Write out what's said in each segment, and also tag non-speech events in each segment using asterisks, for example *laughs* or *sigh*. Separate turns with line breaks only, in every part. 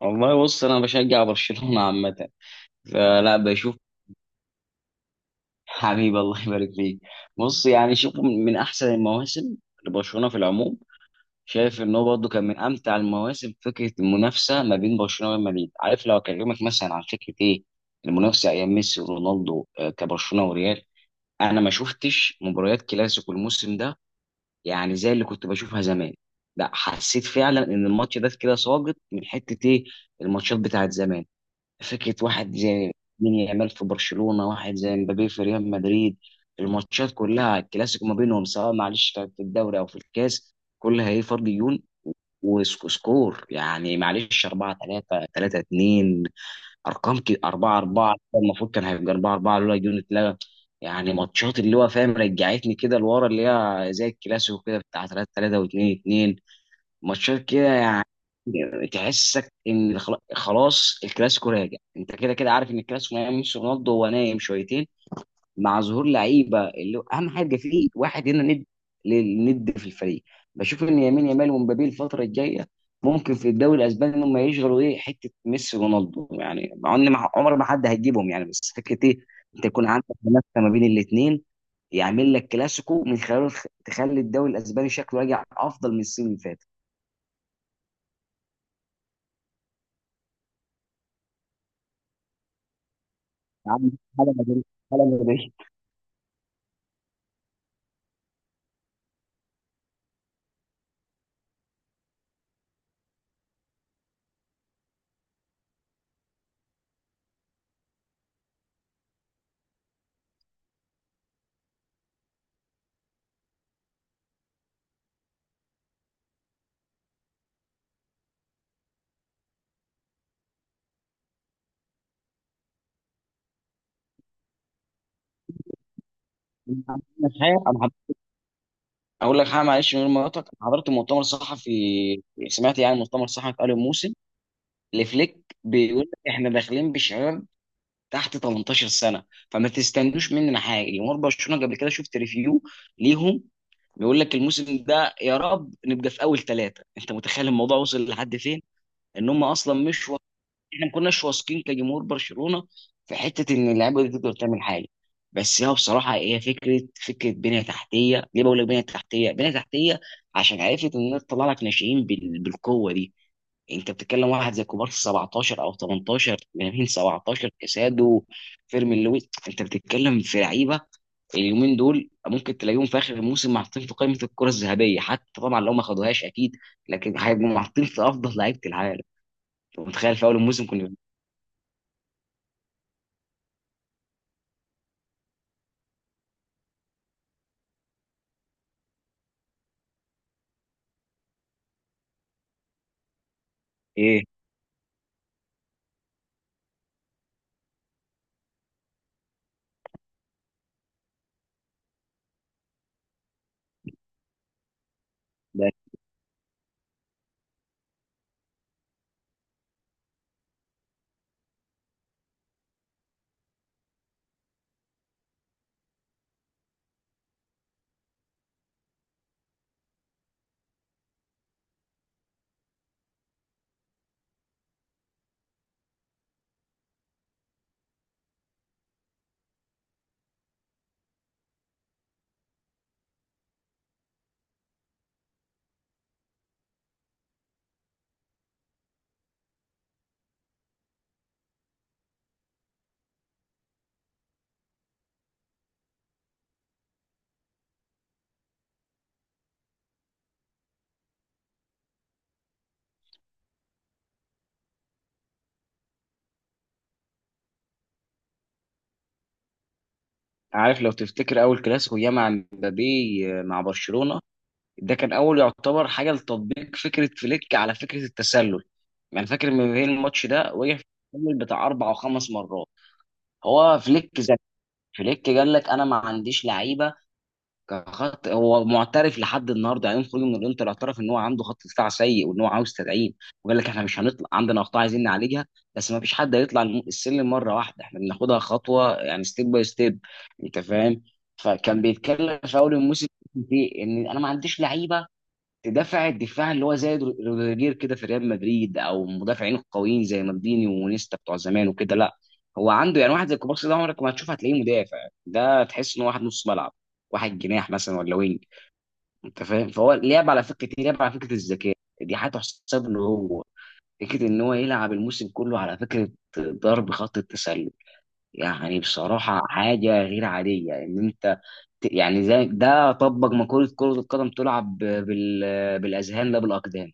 والله، بص انا بشجع برشلونه عامه. فلا بشوف. حبيبي، الله يبارك فيك. بص يعني شوف من احسن المواسم لبرشلونه في العموم. شايف ان هو برضه كان من امتع المواسم، فكره المنافسه ما بين برشلونه وريال مدريد. عارف، لو اكلمك مثلا عن فكره ايه المنافسه ايام ميسي ورونالدو، كبرشلونه وريال. انا ما شفتش مباريات كلاسيكو الموسم ده، يعني زي اللي كنت بشوفها زمان. لا، حسيت فعلا ان الماتش ده كده ساقط من حته ايه، الماتشات بتاعت زمان. فكرة واحد زي مين يامال في برشلونة، واحد زي مبابي في ريال مدريد. الماتشات كلها، الكلاسيكو ما بينهم سواء معلش كانت في الدوري أو في الكاس، كلها هي فرق ديون. وسكور يعني معلش 4-3 3-2، أرقام كده. 4-4 المفروض كان هيبقى 4-4 لولا ديون اتلغى. يعني ماتشات اللي هو فاهم رجعتني كده لورا، اللي هي زي الكلاسيكو كده بتاع 3-3 و2-2. ماتشات كده يعني. تحسك ان خلاص الكلاسيكو راجع. انت كده كده عارف ان الكلاسيكو ما يمشي رونالدو، هو نايم شويتين. مع ظهور لعيبه اللي هو اهم حاجه فيه، واحد هنا ند للند في الفريق. بشوف ان يمين يامال ومبابي الفتره الجايه ممكن في الدوري الاسباني ان هم يشغلوا ايه حته ميسي ورونالدو، يعني مع ان عمر ما حد هيجيبهم يعني، بس فكره ايه انت يكون عندك منافسه ما بين الاثنين يعمل لك كلاسيكو من خلاله، تخلي الدوري الاسباني شكله راجع افضل من السنين اللي فاتت. يا عم. حاجه مدريد، حاجه مدريد. حاجه، انا اقول لك حاجه معلش، من غير ما أقاطعك. أنا حضرت مؤتمر صحفي، سمعت يعني مؤتمر صحفي، قالوا موسم لفليك بيقول لك احنا داخلين بشباب تحت 18 سنه، فما تستنوش مننا حاجه. جمهور برشلونه قبل كده شفت ريفيو ليهم، بيقول لك الموسم ده يا رب نبقى في اول ثلاثه. انت متخيل الموضوع وصل لحد فين؟ ان هم اصلا مش، احنا ما كناش واثقين كجمهور برشلونه في حته ان اللعيبه دي تقدر تعمل حاجه. بس هي بصراحه، هي فكره بنيه تحتيه. ليه بقول لك بنيه تحتيه بنيه تحتيه؟ عشان عرفت ان هي تطلع لك ناشئين بالقوه دي. انت بتتكلم واحد زي كوبارسي 17 او 18، لامين 17، كاسادو، فيرمين لويس. انت بتتكلم في لعيبه اليومين دول ممكن تلاقيهم في اخر الموسم محطين في قائمه الكره الذهبيه، حتى طبعا لو ما خدوهاش اكيد، لكن هيبقوا محطين في افضل لعيبه العالم. انت متخيل في اول الموسم كنا بنقول ايه ده؟ عارف، لو تفتكر اول كلاسيكو ياما مبابي مع برشلونه، ده كان اول يعتبر حاجه لتطبيق فكره فليك على فكره التسلل. يعني فاكر مبابي الماتش ده وقع في التسلل بتاع اربع او خمس مرات. هو فليك ذكي. فليك قال لك انا ما عنديش لعيبه كان خط، هو معترف لحد النهارده، يعني يوم خروجه من الانتر اعترف ان هو عنده خط دفاع سيء وان هو عاوز تدعيم، وقال لك احنا مش هنطلع عندنا اخطاء عايزين نعالجها، بس ما فيش حد هيطلع السلم مره واحده، احنا بناخدها خطوه، يعني ستيب باي ستيب. انت فاهم. فكان بيتكلم في اول الموسم في ان انا ما عنديش لعيبه دفع الدفاع اللي هو زي روديجير كده في ريال مدريد، او مدافعين القويين زي مالديني ونيستا بتوع زمان وكده، لا. هو عنده يعني واحد زي كوبارسي ده عمرك ما هتشوف هتلاقيه مدافع، ده تحس ان هو واحد نص ملعب، واحد جناح مثلا ولا وينج. انت فاهم، فهو لعب على فكره ايه، لعب على فكره الذكاء. دي حاجه تحسب له هو، فكره ان هو يلعب الموسم كله على فكره ضرب خط التسلل. يعني بصراحة حاجة غير عادية إن أنت يعني زي ده طبق مقولة كرة القدم تلعب بالأذهان لا بالأقدام.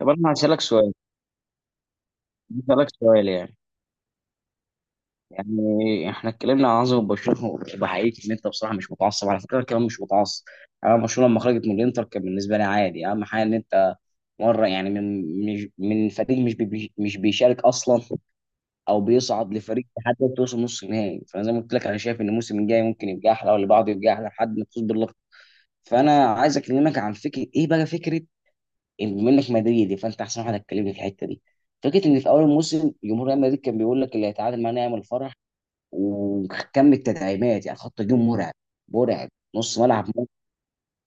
طب، أنا هسألك سؤال، هسألك سؤال يعني، يعني إحنا اتكلمنا عن عظمة برشلونة وبحقيقة إن أنت بصراحة مش متعصب، على فكرة أنا كمان مش متعصب. أنا برشلونة لما خرجت من الإنتر كان بالنسبة لي عادي. أهم حاجة إن أنت مرة يعني من مش من فريق مش مش بيشارك أصلا او بيصعد لفريق لحد ما توصل نص النهائي. فانا زي ما قلت لك انا شايف ان الموسم الجاي ممكن يبقى احلى واللي بعده يبقى احلى لحد ما تفوز باللقب. فانا عايز اكلمك عن فكره ايه بقى، فكره إن بما انك مدريدي فانت احسن واحد هتكلمني في الحته دي. فكره ان في اول الموسم جمهور ريال مدريد كان بيقول لك اللي هيتعادل معانا يعمل فرح، وكم التدعيمات، يعني خط هجوم مرعب، مرعب، نص ملعب.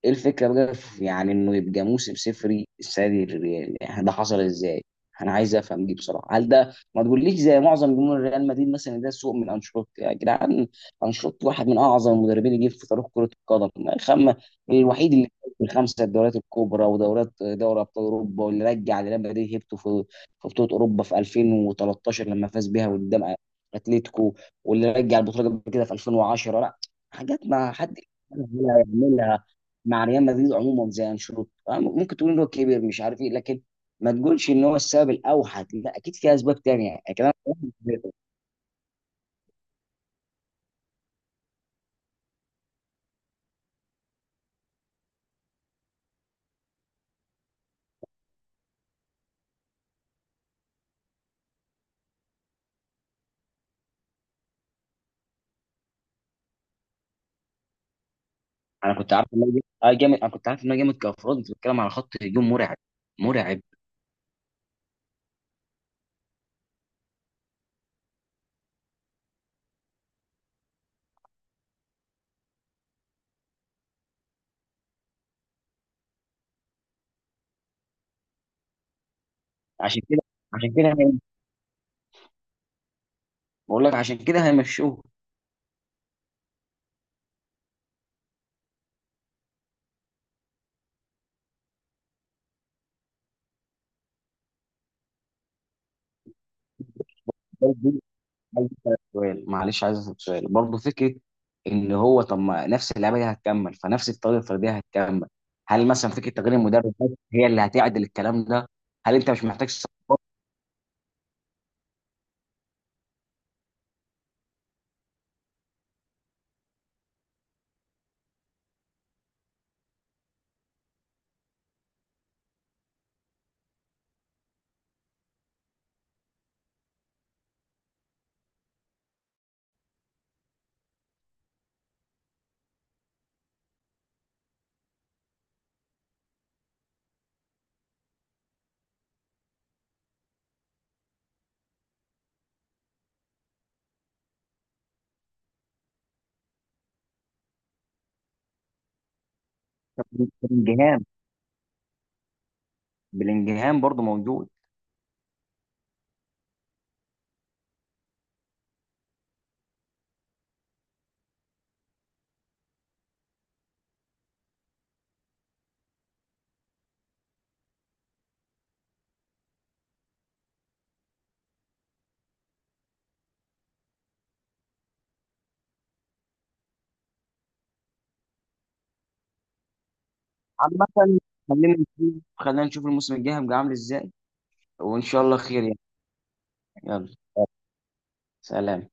ايه الفكره بقى في، يعني انه يبقى موسم صفري السنه دي للريال، يعني ده حصل ازاي؟ انا عايز افهم دي بصراحه. هل ده، ما تقوليش زي معظم جمهور ريال مدريد مثلا، ده سوء من انشيلوتي؟ يا جدعان، انشيلوتي واحد من اعظم المدربين اللي جه في تاريخ كره القدم. خم. الوحيد اللي في الخمسه الدوريات الكبرى ودورات دوري ابطال اوروبا، واللي رجع ريال مدريد هيبته في بطوله اوروبا في 2013 لما فاز بيها قدام اتلتيكو، واللي رجع البطوله قبل كده في 2010. لا، حاجات ما حد يعملها مع ريال مدريد عموما زي انشيلوتي، ممكن تقول ان هو كبر مش عارف ايه، لكن ما تقولش ان هو السبب الاوحد. لا، اكيد في اسباب تانية، يعني كلام. *laughs* انا كنت عارف ان هو جامد، انا كنت عارف ان هو جامد كافراد. انت بتتكلم على خط هجوم مرعب، مرعب. عشان كده. عشان كده بقول لك عشان كده هيمشوه. برضه عايز أسألك سؤال معلش، عايز اسال سؤال برضه فكره، ان هو طب، ما نفس اللعبه دي هتكمل، فنفس الطريقه الفرديه هتكمل. هل مثلا فكره تغيير المدرب بس هي اللي هتعدل الكلام ده؟ هل انت مش محتاج صفقة من بلينجهام؟ بلينجهام برضه موجود. عامة، خلينا نشوف، خلينا نشوف الموسم الجاي هيبقى عامل ازاي وان شاء الله خير يعني. يلا. سلام.